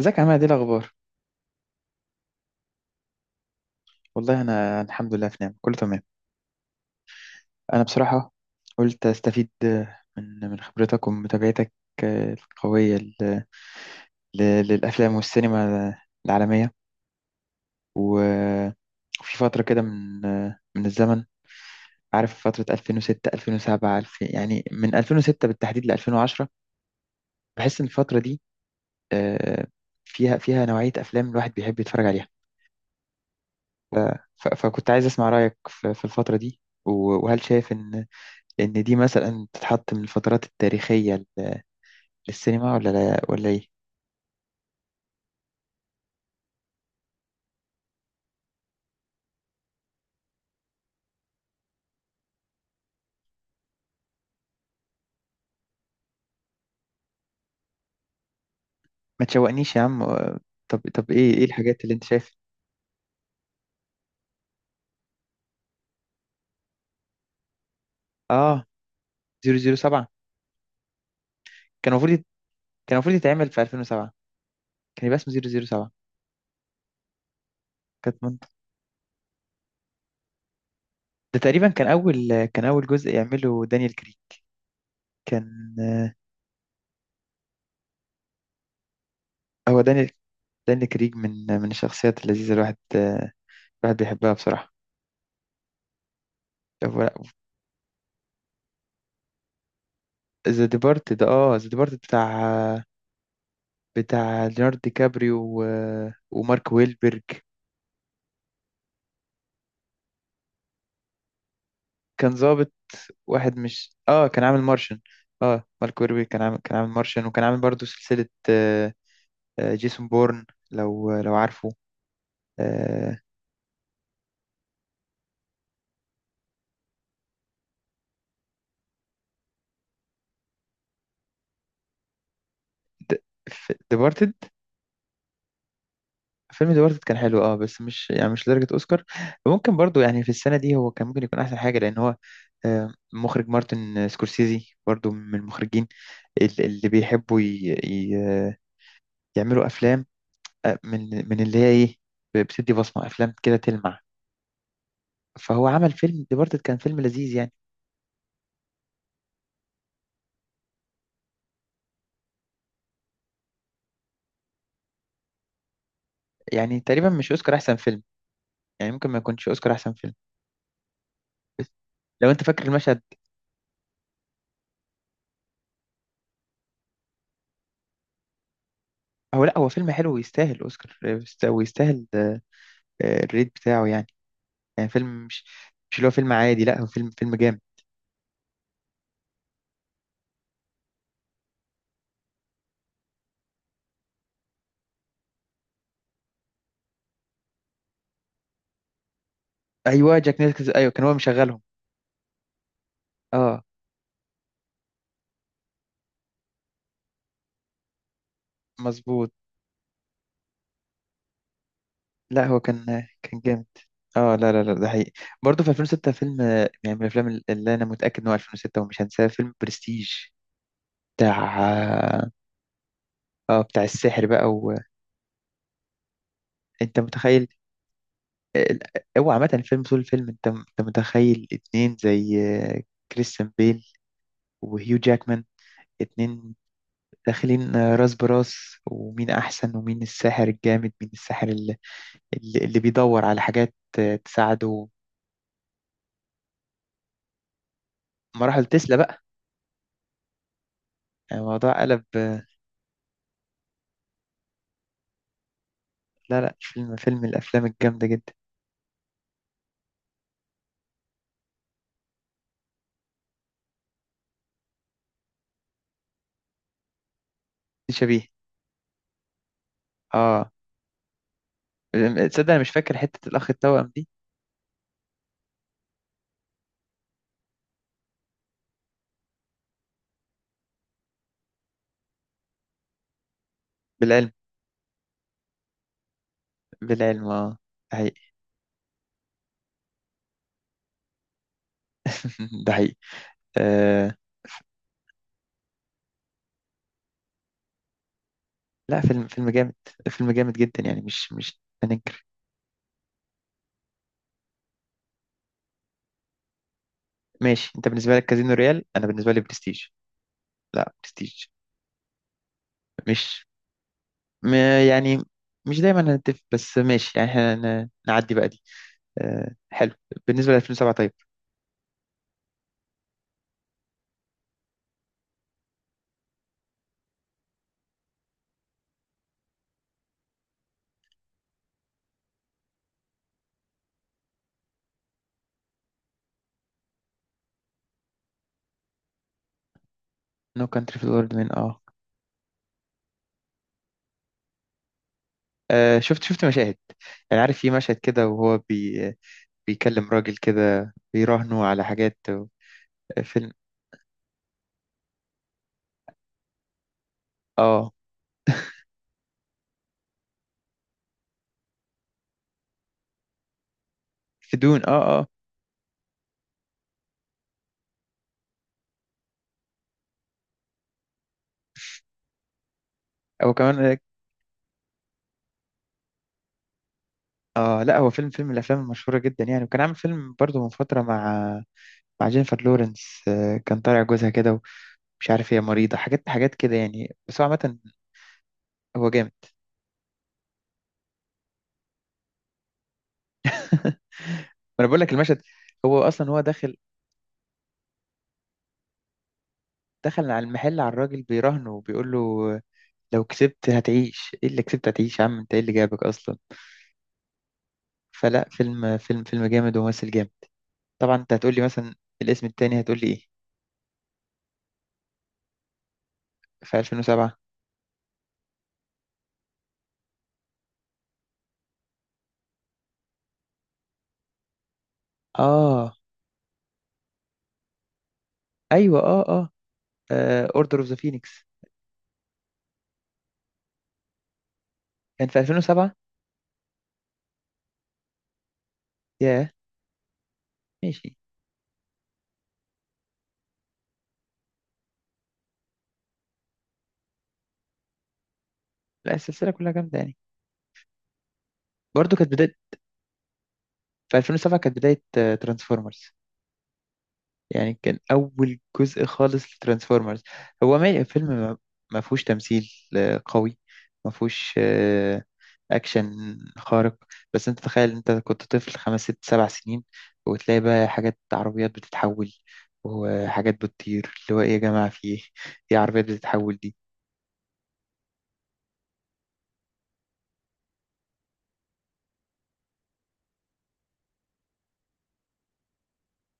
ازيك يا عماد، ايه الاخبار؟ والله انا الحمد لله، في نعم، كله تمام. انا بصراحه قلت استفيد من خبرتك ومتابعتك القويه للافلام والسينما العالميه، و- وفي فتره كده من الزمن، عارف فتره 2006 2007، يعني من 2006 بالتحديد ل 2010. بحس ان الفتره دي آه، فيها نوعيه افلام الواحد بيحب يتفرج عليها. ف- فكنت عايز اسمع رايك في الفتره دي، وهل شايف ان لأن دي مثلا تتحط من الفترات التاريخية للسينما، ولا لا، ولا إيه؟ ما تشوقنيش يا عم. طب طب، إيه الحاجات اللي أنت شايفها؟ آه، 007. كان المفروض يت- كان المفروض يتعمل في 2007. كان يبقى اسمه 007. كانت منطقة. ده تقريبا كان أول جزء يعمله دانيال كريج كان. هو دانيال، دانيال كريج من الشخصيات اللذيذة، الواحد بيحبها بصراحة. ذا ديبارت بتاع ليوناردو دي كابريو ومارك ويلبرج. كان ظابط واحد، مش اه كان عامل مارشن. اه، مارك ويربي كان عامل مارشن، وكان عامل برضو سلسلة، آه، جيسون بورن، لو عارفه. آه، د- ديبارتد. فيلم ديبارتد كان حلو، بس مش، لدرجة اوسكار. ممكن برضو يعني في السنة دي هو كان ممكن يكون احسن حاجة، لان هو مخرج مارتن سكورسيزي برضو من المخرجين اللي بيحبوا يعملوا افلام، من اللي هي ايه، بتدي بصمة افلام كده تلمع. فهو عمل فيلم ديبارتد، كان فيلم لذيذ يعني. يعني تقريبا، مش اوسكار احسن فيلم. يعني ممكن ما يكونش اوسكار احسن فيلم. بس لو انت فاكر المشهد. هو لا، هو فيلم حلو ويستاهل اوسكار، ويستاهل الريت بتاعه يعني. يعني فيلم، مش اللي هو فيلم عادي، لا هو فيلم، فيلم جامد. ايوه، جاك نيكلز، ايوه كان هو مشغلهم. اه، مظبوط. لا هو كان جامد. اه لا لا لا، ده حقيقي. برضه في 2006 فيلم يعني من الافلام اللي انا متاكد ان هو 2006 ومش هنساه، فيلم برستيج، بتاع، اه بتاع السحر بقى. وانت متخيل آه، هو عامة فيلم، طول الفيلم انت متخيل اتنين زي كريستيان بيل وهيو جاكمان، اتنين داخلين راس براس. ومين أحسن، ومين الساحر الجامد، مين الساحر اللي بيدور على حاجات تساعده. مراحل تسلا بقى. يعني الموضوع قلب. لا لا، فيلم، فيلم الأفلام الجامدة جدا. دي شبيه. اه، تصدق أنا مش فاكر حتة الأخ التوأم دي. بالعلم بالعلم، اه. ده حقيقي. ده حقيقي. آه. لا فيلم، فيلم جامد جدا يعني، مش هننكر. ماشي، انت بالنسبه لك كازينو ريال، انا بالنسبه لي برستيج. لا برستيج. مش م... يعني مش دايما هنتفق، بس ماشي يعني، احنا نعدي بقى دي. أه، حلو. بالنسبه ل 2007، طيب. نو كانتري في الورد من، اه، شفت مشاهد. يعني عارف في مشهد كده، وهو بيكلم راجل كده بيراهنه على حاجات فيلم، اه، في دون، اه، اه. هو كمان. اه لا، هو فيلم، فيلم من الافلام المشهوره جدا يعني، وكان عامل فيلم برضه من فتره، مع مع جينيفر لورنس، كان طالع جوزها كده، ومش عارف هي مريضه، حاجات حاجات كده يعني، بس هو عامه هو جامد. ما انا بقول لك المشهد. هو اصلا هو داخل، على المحل على الراجل بيراهنه وبيقول له: لو كسبت هتعيش، ايه اللي كسبت هتعيش يا عم انت، ايه اللي جابك اصلا؟ فلا فيلم، فيلم جامد وممثل جامد. طبعا انت هتقول لي مثلا الاسم التاني، هتقول لي ايه في 2007؟ اه، ايوه، اه، اه، اوردر اوف ذا فينيكس، كان في 2007. ياه، ماشي. لا السلسلة كلها جامدة يعني. برضه كانت بداية، في 2007 كانت بداية ترانسفورمرز، يعني كان أول جزء خالص لترانسفورمرز. هو ما فيلم، ما فيهوش تمثيل قوي، ما فيهوش أكشن خارق. بس أنت تخيل، أنت كنت طفل خمس ست سبع سنين، وتلاقي بقى حاجات، عربيات بتتحول، وحاجات بتطير، اللي هو إيه يا جماعة في إيه؟ إيه عربيات بتتحول دي؟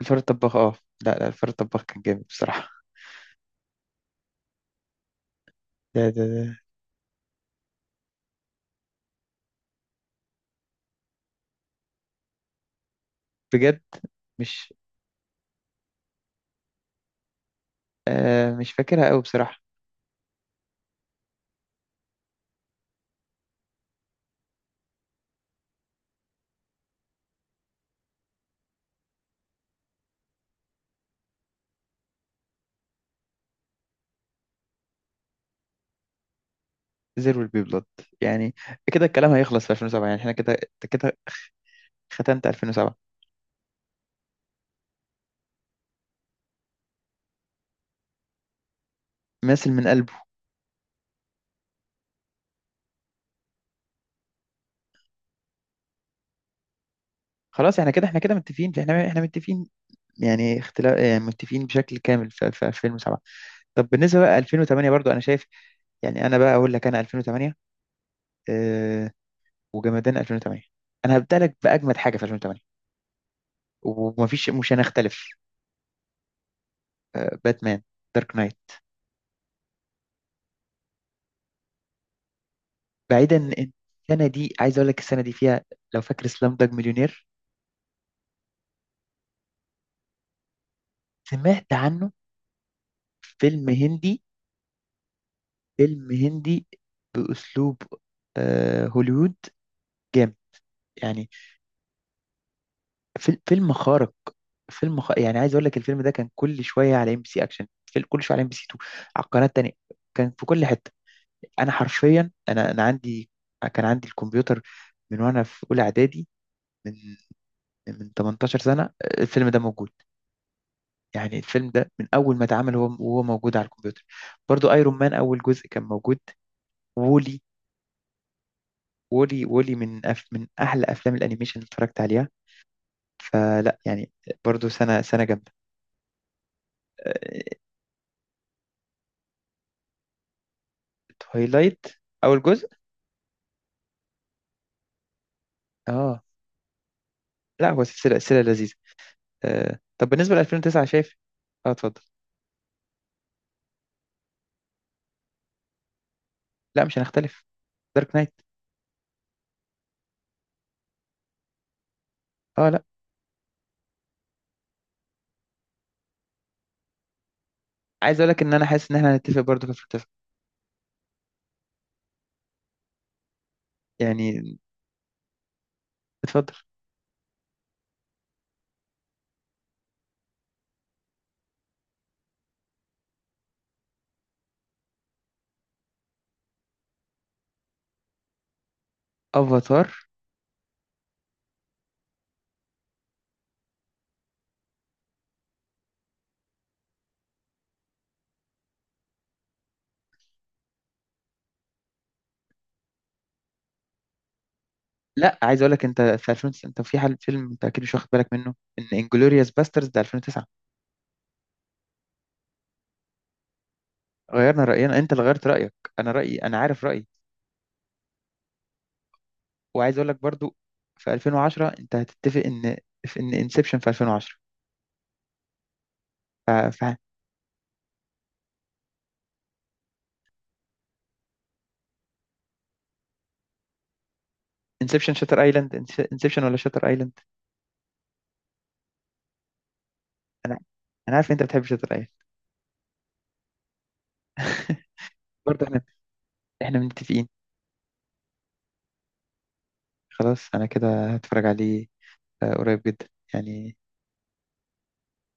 الفار الطباخ، أه. لا لا، الفار الطباخ كان جامد بصراحة. ده. بجد. مش مش فاكرها قوي بصراحة. There will be blood، يعني كده الكلام هيخلص في 2007، يعني احنا كده، أنت كده ختمت 2007. ممثل من قلبه. خلاص احنا كده، متفقين، احنا متفقين. يعني، اختلاف يعني متفقين بشكل كامل في 2007. طب بالنسبة بقى 2008، برضو انا شايف. يعني انا بقى اقول لك، انا 2008، آه وجمدان 2008. انا هبدأ لك بأجمد حاجة في 2008، مش هنختلف. باتمان دارك نايت. بعيدا إن، السنة دي عايز اقول لك السنة دي فيها، لو فاكر سلام داج مليونير. سمعت عنه؟ فيلم هندي، فيلم هندي، بأسلوب هوليوود، جامد. يعني فيلم خارق. يعني عايز اقول لك، الفيلم ده كان كل شويه على ام بي سي اكشن، في كل شويه على ام بي سي 2، على القناه التانيه، كان في كل حته. انا حرفيا، انا عندي، كان عندي الكمبيوتر من وانا في اولى اعدادي، من من 18 سنه الفيلم ده موجود. يعني الفيلم ده من اول ما اتعمل وهو موجود على الكمبيوتر. برضو ايرون مان اول جزء كان موجود. وولي، وولي من أحلى أفلام الأنيميشن اللي اتفرجت عليها. فلا يعني، برضو سنة سنة جامدة. تويلايت، أول جزء. اه لا، هو سلسلة، سلسلة لذيذة. طب بالنسبة ل 2009، شايف؟ اه، اتفضل. لا مش هنختلف، دارك نايت. اه، لا عايز اقول لك ان انا حاسس ان احنا هنتفق برضو في 2009. يعني، اتفضل. افاتار. لا عايز اقول لك، انت في 2009 انت في حال فيلم انت اكيد مش واخد بالك منه ان انجلوريوس باسترز ده 2009. غيرنا راينا؟ انت اللي غيرت رايك، انا رايي انا عارف رايي. وعايز اقول لك برضو في 2010، انت هتتفق ان، في ان انسبشن في 2010. ف... ف... انسبشن، شاتر ايلاند. انسبشن ولا شاتر ايلاند؟ انا انا عارف إن انت بتحب شاتر ايلاند. برضه احنا، متفقين. خلاص انا كده هتفرج عليه قريب جدا. يعني،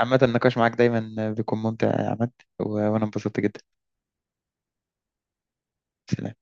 عامة النقاش معاك دايما بيكون ممتع يا عماد، و- وانا انبسطت جدا. سلام.